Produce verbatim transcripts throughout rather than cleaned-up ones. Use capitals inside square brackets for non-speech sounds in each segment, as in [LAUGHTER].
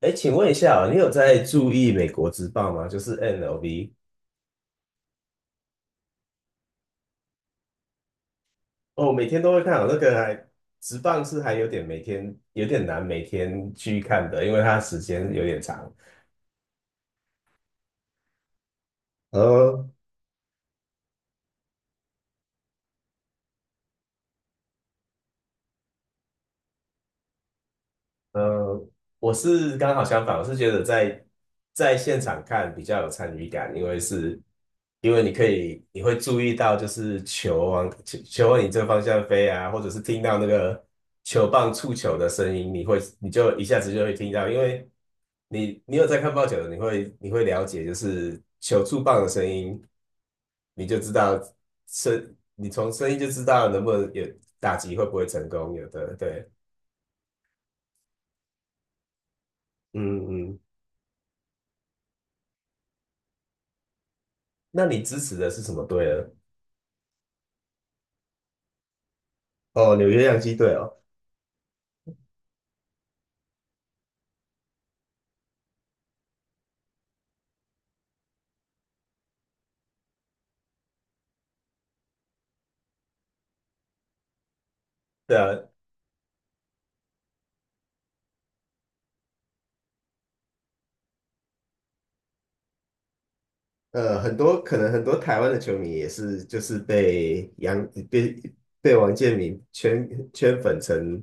哎，请问一下哦，你有在注意美国职棒吗？就是 N l V 哦，每天都会看哦。那个还职棒是还有点每天有点难每天去看的，因为它时间有点长。呃，呃，我是刚好相反，我是觉得在在现场看比较有参与感，因为是，因为你可以你会注意到就是球往球球往你这个方向飞啊，或者是听到那个球棒触球的声音，你会你就一下子就会听到，因为你你有在看棒球的，你会你会了解就是球触棒的声音，你就知道声，你从声音就知道能不能有打击会不会成功，有的对，嗯嗯。那你支持的是什么队呢？哦，纽约洋基队哦，对啊，呃，很多可能很多台湾的球迷也是就是被洋被被王建民圈圈粉成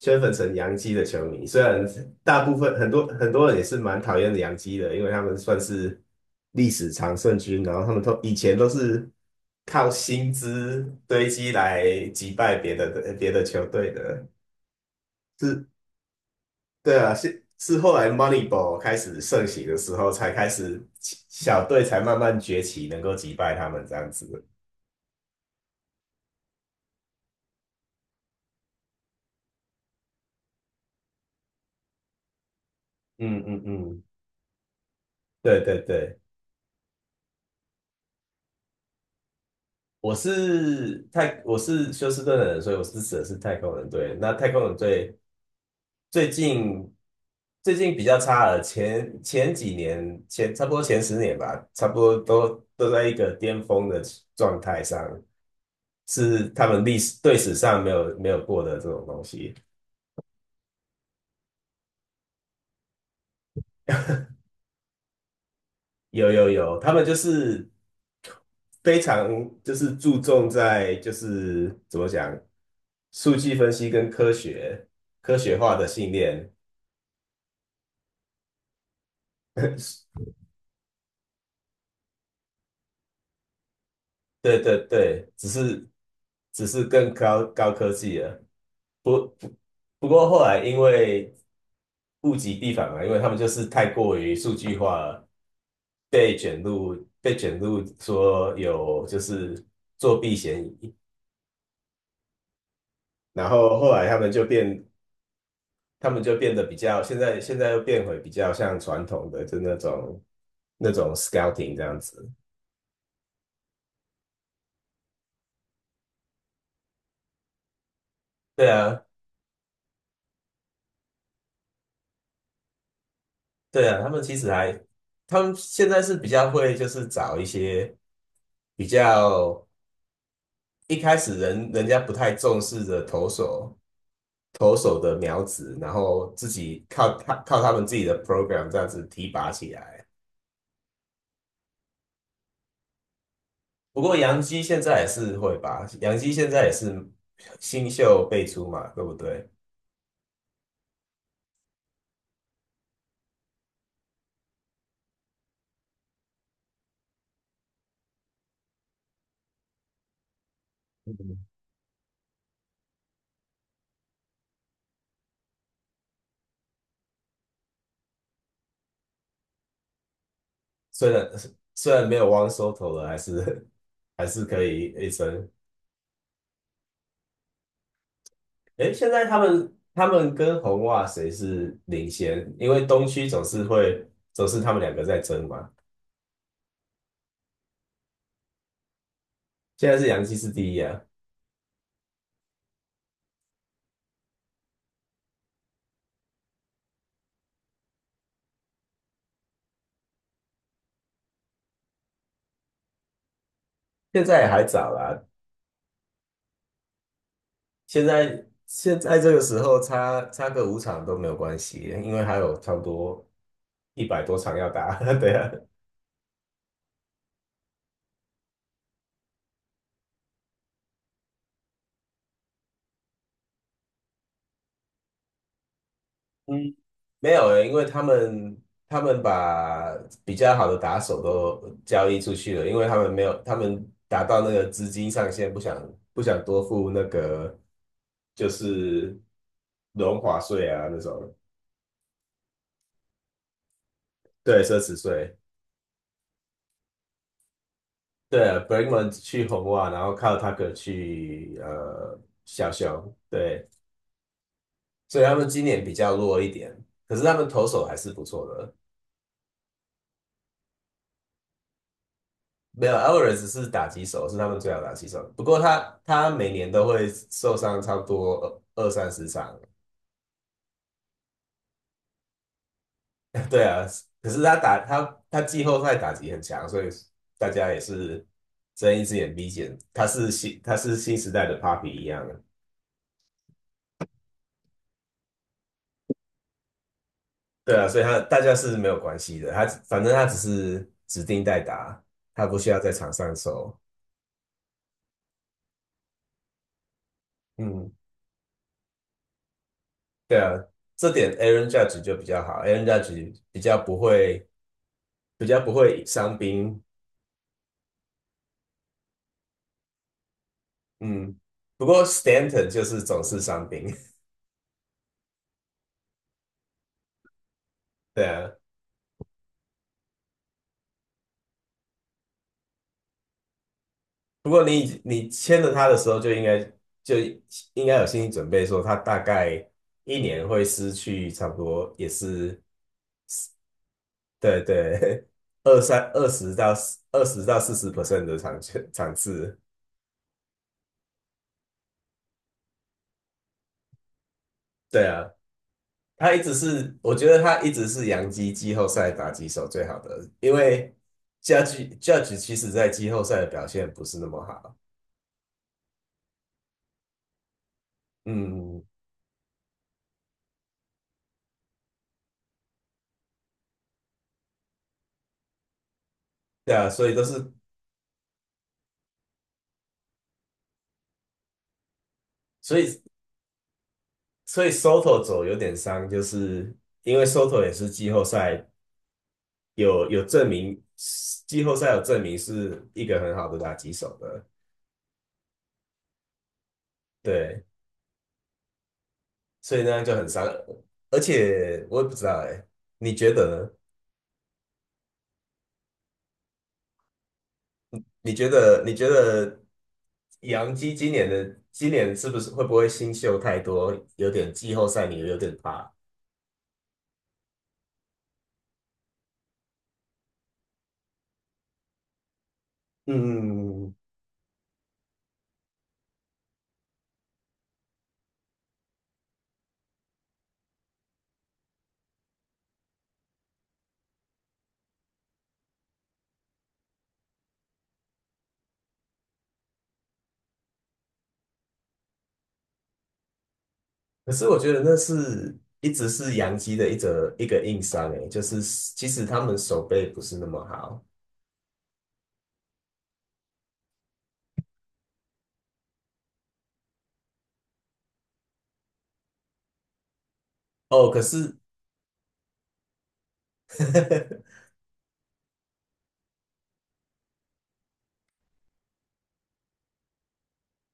圈粉成洋基的球迷，虽然大部分很多很多人也是蛮讨厌洋基的，因为他们算是历史常胜军，然后他们都以前都是靠薪资堆积来击败别的别的球队的，是对啊，是是后来 Moneyball 开始盛行的时候，才开始小队才慢慢崛起，能够击败他们这样子。嗯嗯嗯，对对对，我是太我是休斯顿的人，所以我支持的是太空人队。那太空人队最近最近比较差了，前前几年前差不多前十年吧，差不多都都在一个巅峰的状态上，是他们历史队史上没有没有过的这种东西。有有有，他们就是非常就是注重在就是怎么讲，数据分析跟科学科学化的训练，[LAUGHS] 对对对，只是只是更高高科技了。不不不过后来因为物极必反嘛，因为他们就是太过于数据化了，被卷入被卷入说有就是作弊嫌疑，然后后来他们就变他们就变得比较，现在现在又变回比较像传统的，就那种那种 scouting 这样子。对啊，对啊，他们其实还，他们现在是比较会，就是找一些比较一开始人人家不太重视的投手投手的苗子，然后自己靠他靠他们自己的 program 这样子提拔起来。不过杨基现在也是会吧，杨基现在也是新秀辈出嘛，对不对？虽然虽然没有 One Soto 了，还是还是可以一争。诶，现在他们他们跟红袜谁是领先？因为东区总是会总是他们两个在争嘛。现在是洋基是第一啊，现在也还早啦。现在现在这个时候差差个五场都没有关系，因为还有差不多一百多场要打。[LAUGHS] 对啊，嗯。没有诶，因为他们他们把比较好的打手都交易出去了，因为他们没有，他们达到那个资金上限，不想不想多付那个就是荣华税啊那种，对，奢侈税。对，Bregman 去红袜，然后靠 Tucker 去呃小熊，对，所以他们今年比较弱一点，可是他们投手还是不错的。没有 Alvarez 是打击手，是他们最好的打击手。不过他他每年都会受伤，差不多二二三十场。[LAUGHS] 对啊，可是他打他他季后赛打击很强，所以大家也是睁一只眼闭一只眼。他是新他是新时代的 Papi 一样的。对啊，所以他大家是没有关系的。他反正他只是指定代打，他不需要在场上守。嗯，对啊，这点 Aaron Judge 就比较好，Aaron Judge 比较不会比较不会伤兵，嗯，不过 Stanton 就是总是伤兵，[LAUGHS] 对啊。不过你你签了他的时候，就应该就应该有心理准备，说他大概一年会失去差不多也是对对 [LAUGHS] 二三二十到二十到四十 percent 的场场次，对啊。他一直是，我觉得他一直是洋基季后赛打击手最好的，因为 Judge Judge 其实在季后赛的表现不是那么好，嗯，对啊，所以都是。所以所以 Soto 走有点伤，就是因为 Soto 也是季后赛有有证明，季后赛有证明是一个很好的打击手的，对，所以那样就很伤。而且我也不知道哎，你觉得呢？你觉得你觉得杨基今年的今年是不是会不会新秀太多，有点季后赛你有点怕？嗯，可是我觉得那是一直是洋基的一则一个硬伤诶，就是其实他们手背不是那么好哦。可是 [LAUGHS]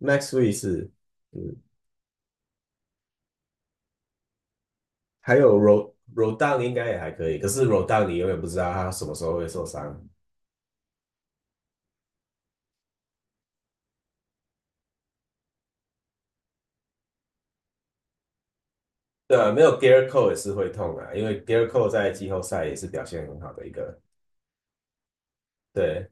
Max Free 是，嗯，还有 Ro Rodon 应该也还可以，可是 Rodon 你永远不知道他什么时候会受伤。对啊，没有 g e a r Cole 也是会痛啊，因为 g e a r Cole 在季后赛也是表现很好的一个。对，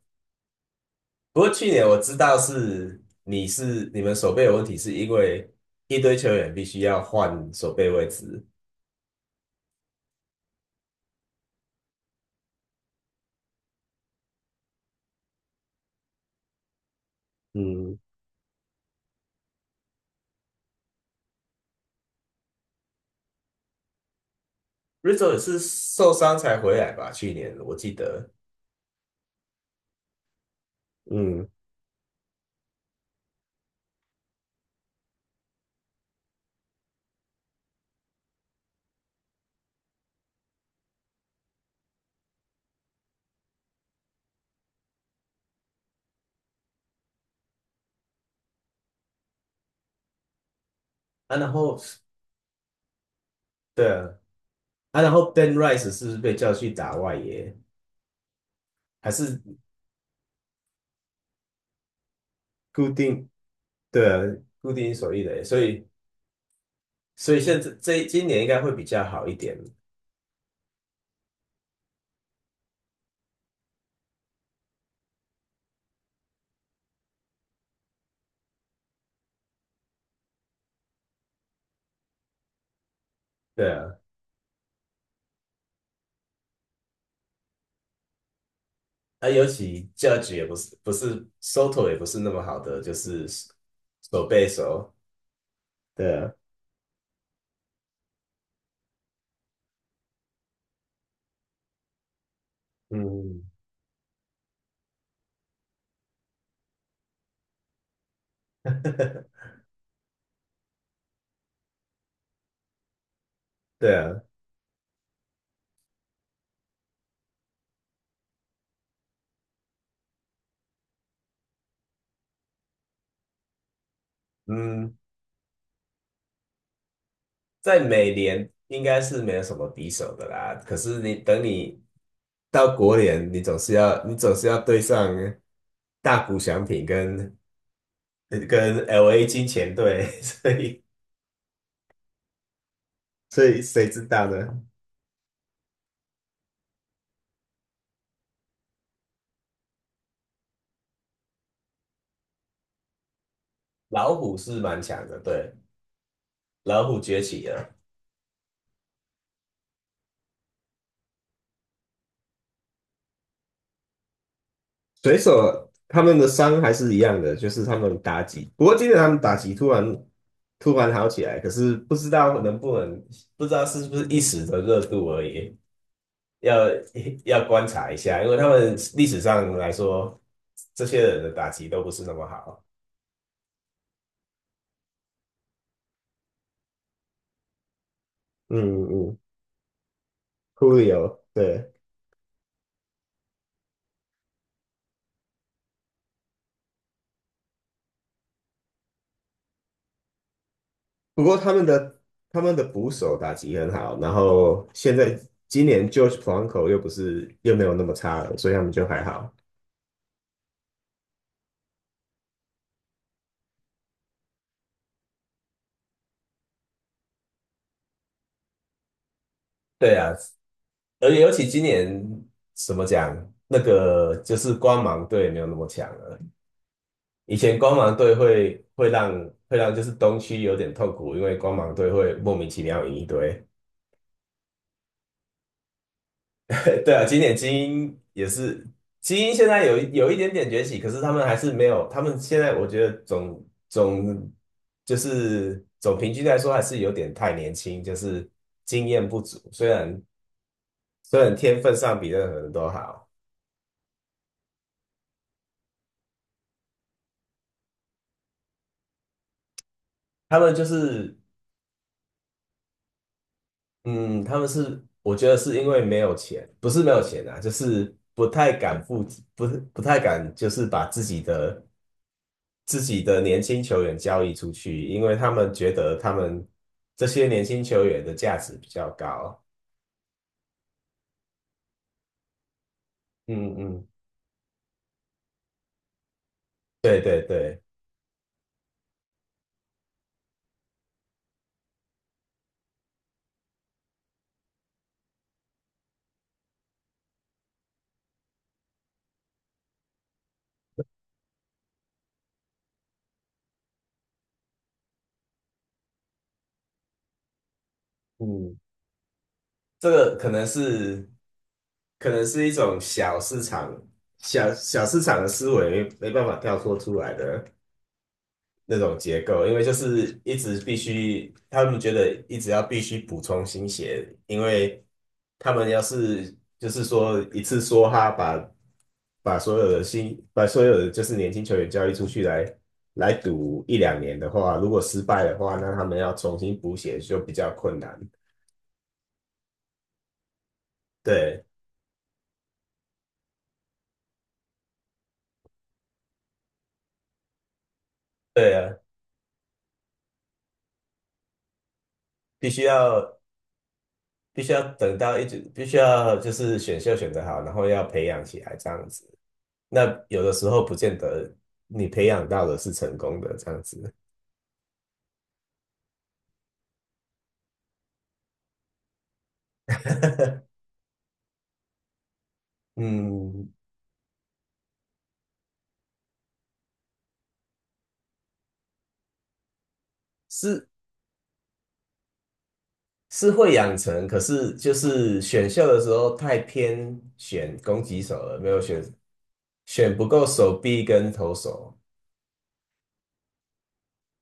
不过去年我知道是你是你们手背有问题，是因为一堆球员必须要换手背位置。嗯，Rizzo 也是受伤才回来吧？去年我记得，嗯，啊，然后对啊，啊，然后 Ben Rice 是不是被叫去打外野，还是固定对啊，固定手一的，所以所以现在这今年应该会比较好一点，对啊，啊，尤其 Judge 也不是不是 Soto 也不是那么好的，就是手背手，对啊，嗯，[LAUGHS] 对啊，嗯，在美联应该是没有什么敌手的啦。可是你等你到国联，你总是要你总是要对上大谷翔平跟跟 L A 金钱队，[LAUGHS] 所以所以谁知道呢？老虎是蛮强的，对，老虎崛起了。水手他们的伤还是一样的，就是他们打击。不过今天他们打击突然突然好起来，可是不知道能不能，不知道是不是一时的热度而已，要要观察一下，因为他们历史上来说，这些人的打击都不是那么好。嗯嗯，Julio，对。不过他们的他们的捕手打击很好，然后现在今年 George p o a n c o 又不是又没有那么差了，所以他们就还好。对啊，而且尤其今年怎么讲，那个就是光芒队没有那么强了。以前光芒队会会让会让就是东区有点痛苦，因为光芒队会莫名其妙赢一堆。[LAUGHS] 对啊，经典精英也是精英，现在有一有一点点崛起，可是他们还是没有，他们现在我觉得总总就是总平均来说还是有点太年轻，就是经验不足。虽然虽然天分上比任何人都好，他们就是嗯，他们是，我觉得是因为没有钱，不是没有钱啊，就是不太敢付，不是不太敢，就是把自己的自己的年轻球员交易出去，因为他们觉得他们这些年轻球员的价值比较高。嗯嗯，对对对，嗯，这个可能是可能是一种小市场小小市场的思维，没没办法跳脱出来的。那种结构，因为就是一直必须，他们觉得一直要必须补充新血，因为他们要是就是说一次梭哈把把所有的新把所有的就是年轻球员交易出去来来赌一两年的话，如果失败的话，那他们要重新补血就比较困难。对对啊，必须要必须要等到一直必须要就是选秀选得好，然后要培养起来这样子。那有的时候不见得你培养到的是成功的这样子，嗯，是是会养成，可是就是选秀的时候太偏选攻击手了，没有选选不够手臂跟投手。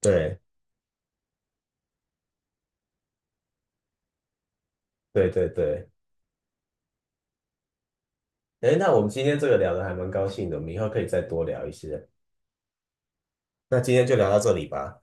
对对对对，哎，那我们今天这个聊的还蛮高兴的，我们以后可以再多聊一些。那今天就聊到这里吧。